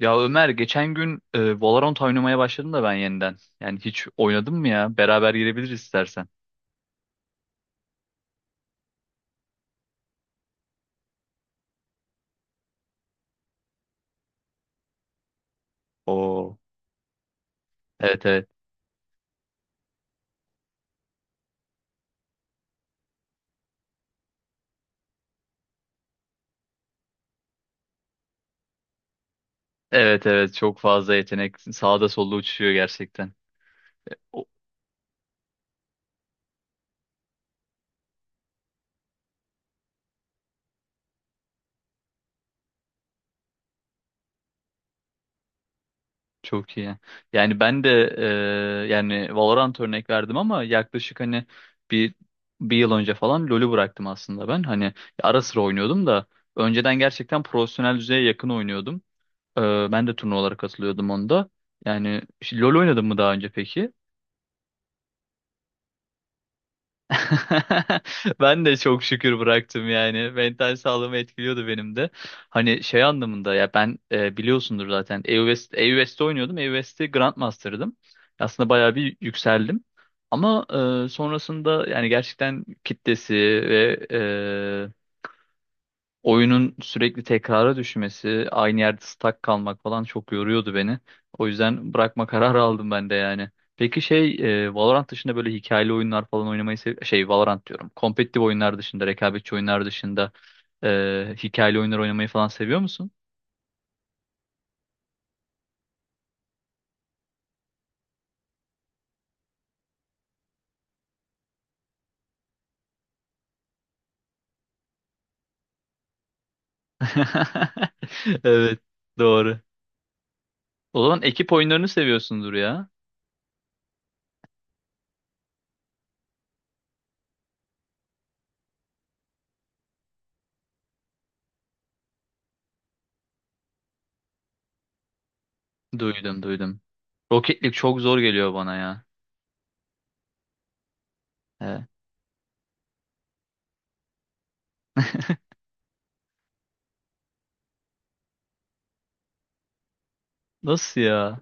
Ya Ömer geçen gün Valorant oynamaya başladım da ben yeniden. Yani hiç oynadın mı ya? Beraber girebiliriz istersen. Oo. Evet, evet. Evet, evet. Çok fazla yetenek sağda solda uçuşuyor gerçekten. O- Çok iyi. Yani ben de yani Valorant örnek verdim ama yaklaşık hani bir bir yıl önce falan LoL'ü bıraktım aslında ben. Hani ara sıra oynuyordum da önceden gerçekten profesyonel düzeye yakın oynuyordum. E, ben de turnuvalara katılıyordum onda. Yani işte LoL oynadın mı daha önce peki? Ben de çok şükür bıraktım yani. Mental sağlığımı etkiliyordu benim de. Hani şey anlamında ya ben biliyorsundur zaten EU-West'te oynuyordum. EU-West'te Grandmaster'dım. Aslında bayağı bir yükseldim. Ama sonrasında yani gerçekten kitlesi ve oyunun sürekli tekrara düşmesi, aynı yerde stuck kalmak falan çok yoruyordu beni. O yüzden bırakma kararı aldım ben de yani. Peki şey Valorant dışında böyle hikayeli oyunlar falan oynamayı şey Valorant diyorum. Kompetitif oyunlar dışında, rekabetçi oyunlar dışında hikayeli oyunlar oynamayı falan seviyor musun? Evet, doğru. O zaman ekip oyunlarını seviyorsundur ya. Duydum, duydum. Rocket League çok zor geliyor bana ya. Evet. Nasıl ya?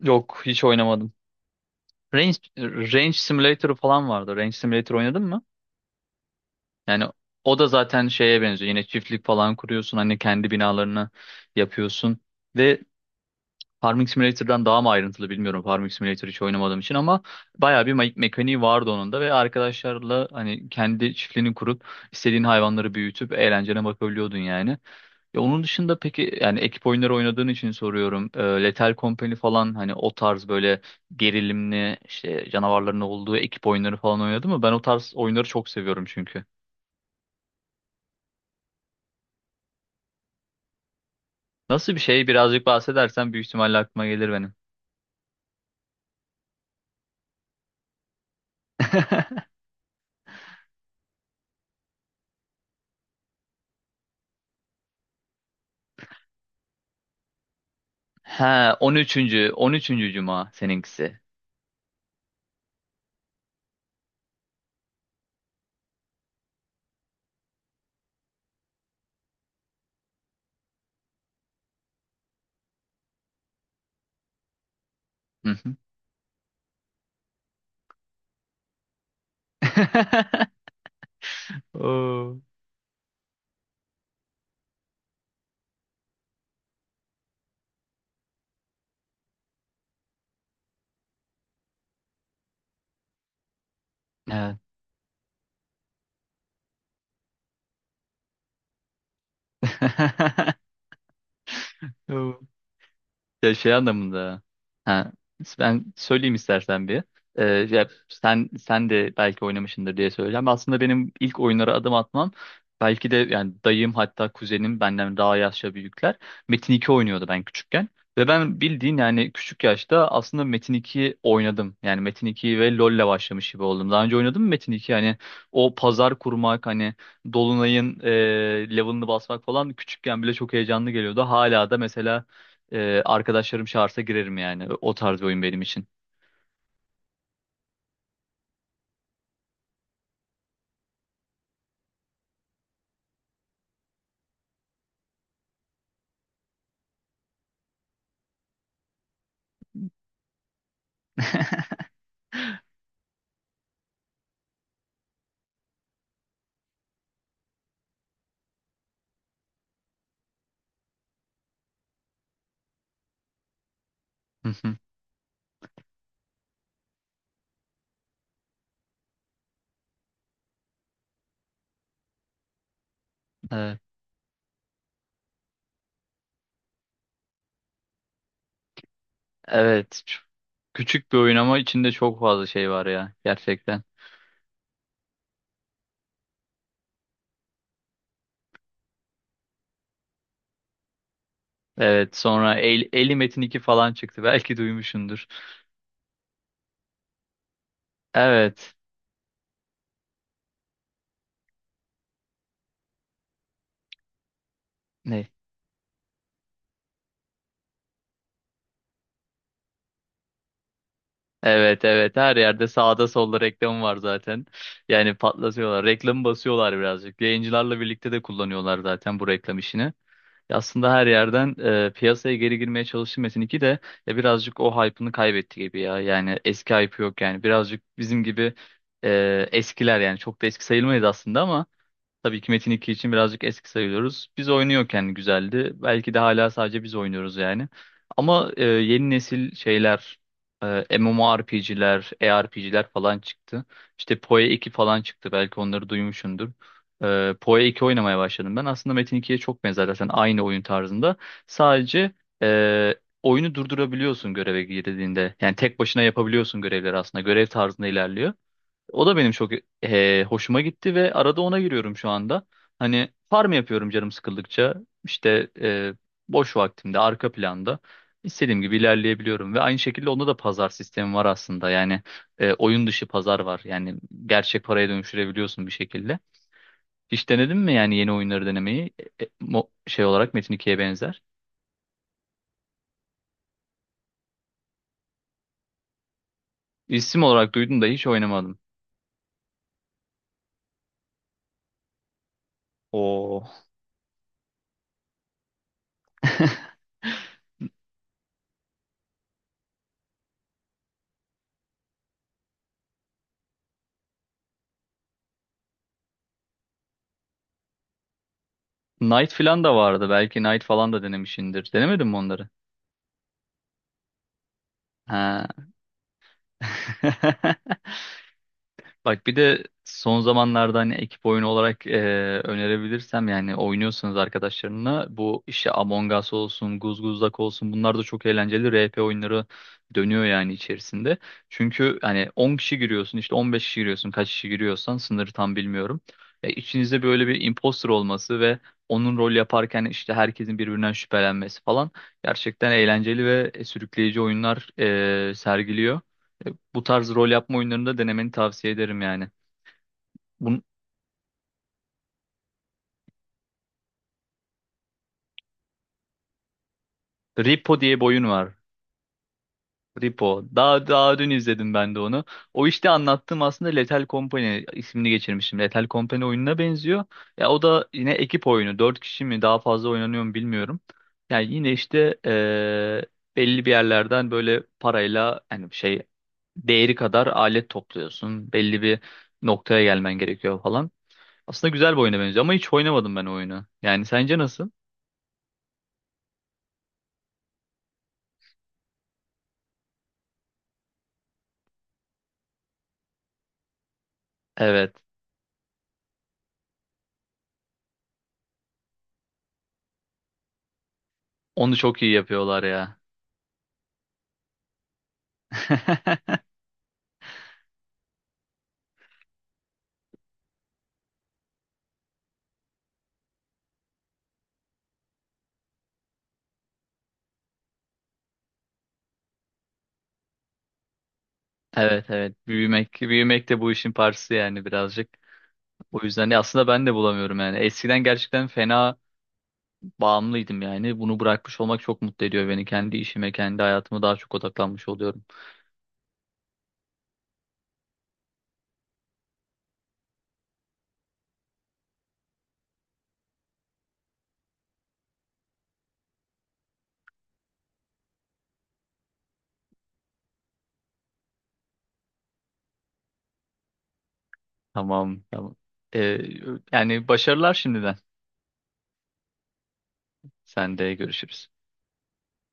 Yok, hiç oynamadım. Range, Range Simulator'ı falan vardı. Range Simulator oynadın mı? Yani o da zaten şeye benziyor. Yine çiftlik falan kuruyorsun. Hani kendi binalarını yapıyorsun. Ve Farming Simulator'dan daha mı ayrıntılı bilmiyorum. Farming Simulator hiç oynamadığım için ama bayağı bir mekaniği vardı onun da ve arkadaşlarla hani kendi çiftliğini kurup istediğin hayvanları büyütüp eğlencene bakabiliyordun yani. Ya onun dışında peki yani ekip oyunları oynadığın için soruyorum. Lethal Company falan hani o tarz böyle gerilimli işte canavarların olduğu ekip oyunları falan oynadı mı? Ben o tarz oyunları çok seviyorum çünkü. Nasıl bir şey birazcık bahsedersen büyük ihtimalle aklıma gelir benim. He, 13. 13. Cuma seninkisi. Hı hı. Oo. Evet. Ya şey anlamında. Ha, ben söyleyeyim istersen bir. Ya sen de belki oynamışsındır diye söyleyeceğim. Aslında benim ilk oyunlara adım atmam belki de yani dayım hatta kuzenim benden daha yaşça büyükler Metin 2 oynuyordu ben küçükken. Ve ben bildiğin yani küçük yaşta aslında Metin 2 oynadım. Yani Metin 2 ve LoL'le başlamış gibi oldum. Daha önce oynadım mı Metin 2? Yani o pazar kurmak hani Dolunay'ın level'ını basmak falan küçükken bile çok heyecanlı geliyordu. Hala da mesela arkadaşlarım çağırsa girerim yani. O tarz bir oyun benim için. Hı hı. Evet. Evet. Küçük bir oyun ama içinde çok fazla şey var ya gerçekten. Evet, sonra Eli Metin 2 falan çıktı. Belki duymuşsundur. Evet. Ne? Evet, evet. Her yerde sağda solda reklam var zaten. Yani patlatıyorlar. Reklamı basıyorlar birazcık. Yayıncılarla birlikte de kullanıyorlar zaten bu reklam işini. Ya aslında her yerden piyasaya geri girmeye çalıştı Metin 2 de ya birazcık o hype'ını kaybetti gibi ya. Yani eski hype yok yani. Birazcık bizim gibi eskiler yani çok da eski sayılmayız aslında ama tabii ki Metin 2 için birazcık eski sayılıyoruz. Biz oynuyorken güzeldi. Belki de hala sadece biz oynuyoruz yani. Ama yeni nesil şeyler, MMORPG'ler, ARPG'ler falan çıktı. İşte PoE 2 falan çıktı. Belki onları duymuşsundur. PoE 2 oynamaya başladım ben. Aslında Metin 2'ye çok benzer zaten aynı oyun tarzında. Sadece e, oyunu durdurabiliyorsun göreve girdiğinde. Yani tek başına yapabiliyorsun görevleri aslında. Görev tarzında ilerliyor. O da benim çok hoşuma gitti ve arada ona giriyorum şu anda. Hani farm yapıyorum canım sıkıldıkça. İşte boş vaktimde arka planda istediğim gibi ilerleyebiliyorum ve aynı şekilde onda da pazar sistemi var aslında. Yani oyun dışı pazar var. Yani gerçek paraya dönüştürebiliyorsun bir şekilde. Hiç denedin mi yani yeni oyunları denemeyi? Şey olarak Metin 2'ye benzer. İsim olarak duydum da hiç oynamadım. Oo. Knight falan da vardı. Belki Knight falan da denemişsindir. Denemedin mi onları? Ha. Bak bir de son zamanlarda hani ekip oyunu olarak önerebilirsem yani oynuyorsanız arkadaşlarınla bu işte Among Us olsun, Guzguzlak olsun bunlar da çok eğlenceli RP oyunları dönüyor yani içerisinde. Çünkü hani 10 kişi giriyorsun işte 15 kişi giriyorsun kaç kişi giriyorsan sınırı tam bilmiyorum. E, içinizde böyle bir imposter olması ve onun rol yaparken işte herkesin birbirinden şüphelenmesi falan gerçekten eğlenceli ve sürükleyici oyunlar sergiliyor. Bu tarz rol yapma oyunlarında denemeni tavsiye ederim yani. Bun Repo diye bir oyun var. Repo. Daha dün izledim ben de onu. O işte anlattığım aslında Lethal Company ismini geçirmişim. Lethal Company oyununa benziyor. Ya o da yine ekip oyunu. 4 kişi mi daha fazla oynanıyor mu bilmiyorum. Yani yine işte belli bir yerlerden böyle parayla yani şey değeri kadar alet topluyorsun. Belli bir noktaya gelmen gerekiyor falan. Aslında güzel bir oyuna benziyor ama hiç oynamadım ben o oyunu. Yani sence nasıl? Evet. Onu çok iyi yapıyorlar ya. Evet, evet. Büyümek, büyümek de bu işin parçası yani birazcık. O yüzden ya aslında ben de bulamıyorum yani. Eskiden gerçekten fena bağımlıydım yani. Bunu bırakmış olmak çok mutlu ediyor beni. Kendi işime, kendi hayatıma daha çok odaklanmış oluyorum. Tamam, tamam. Ee, yani başarılar şimdiden. Sen de görüşürüz.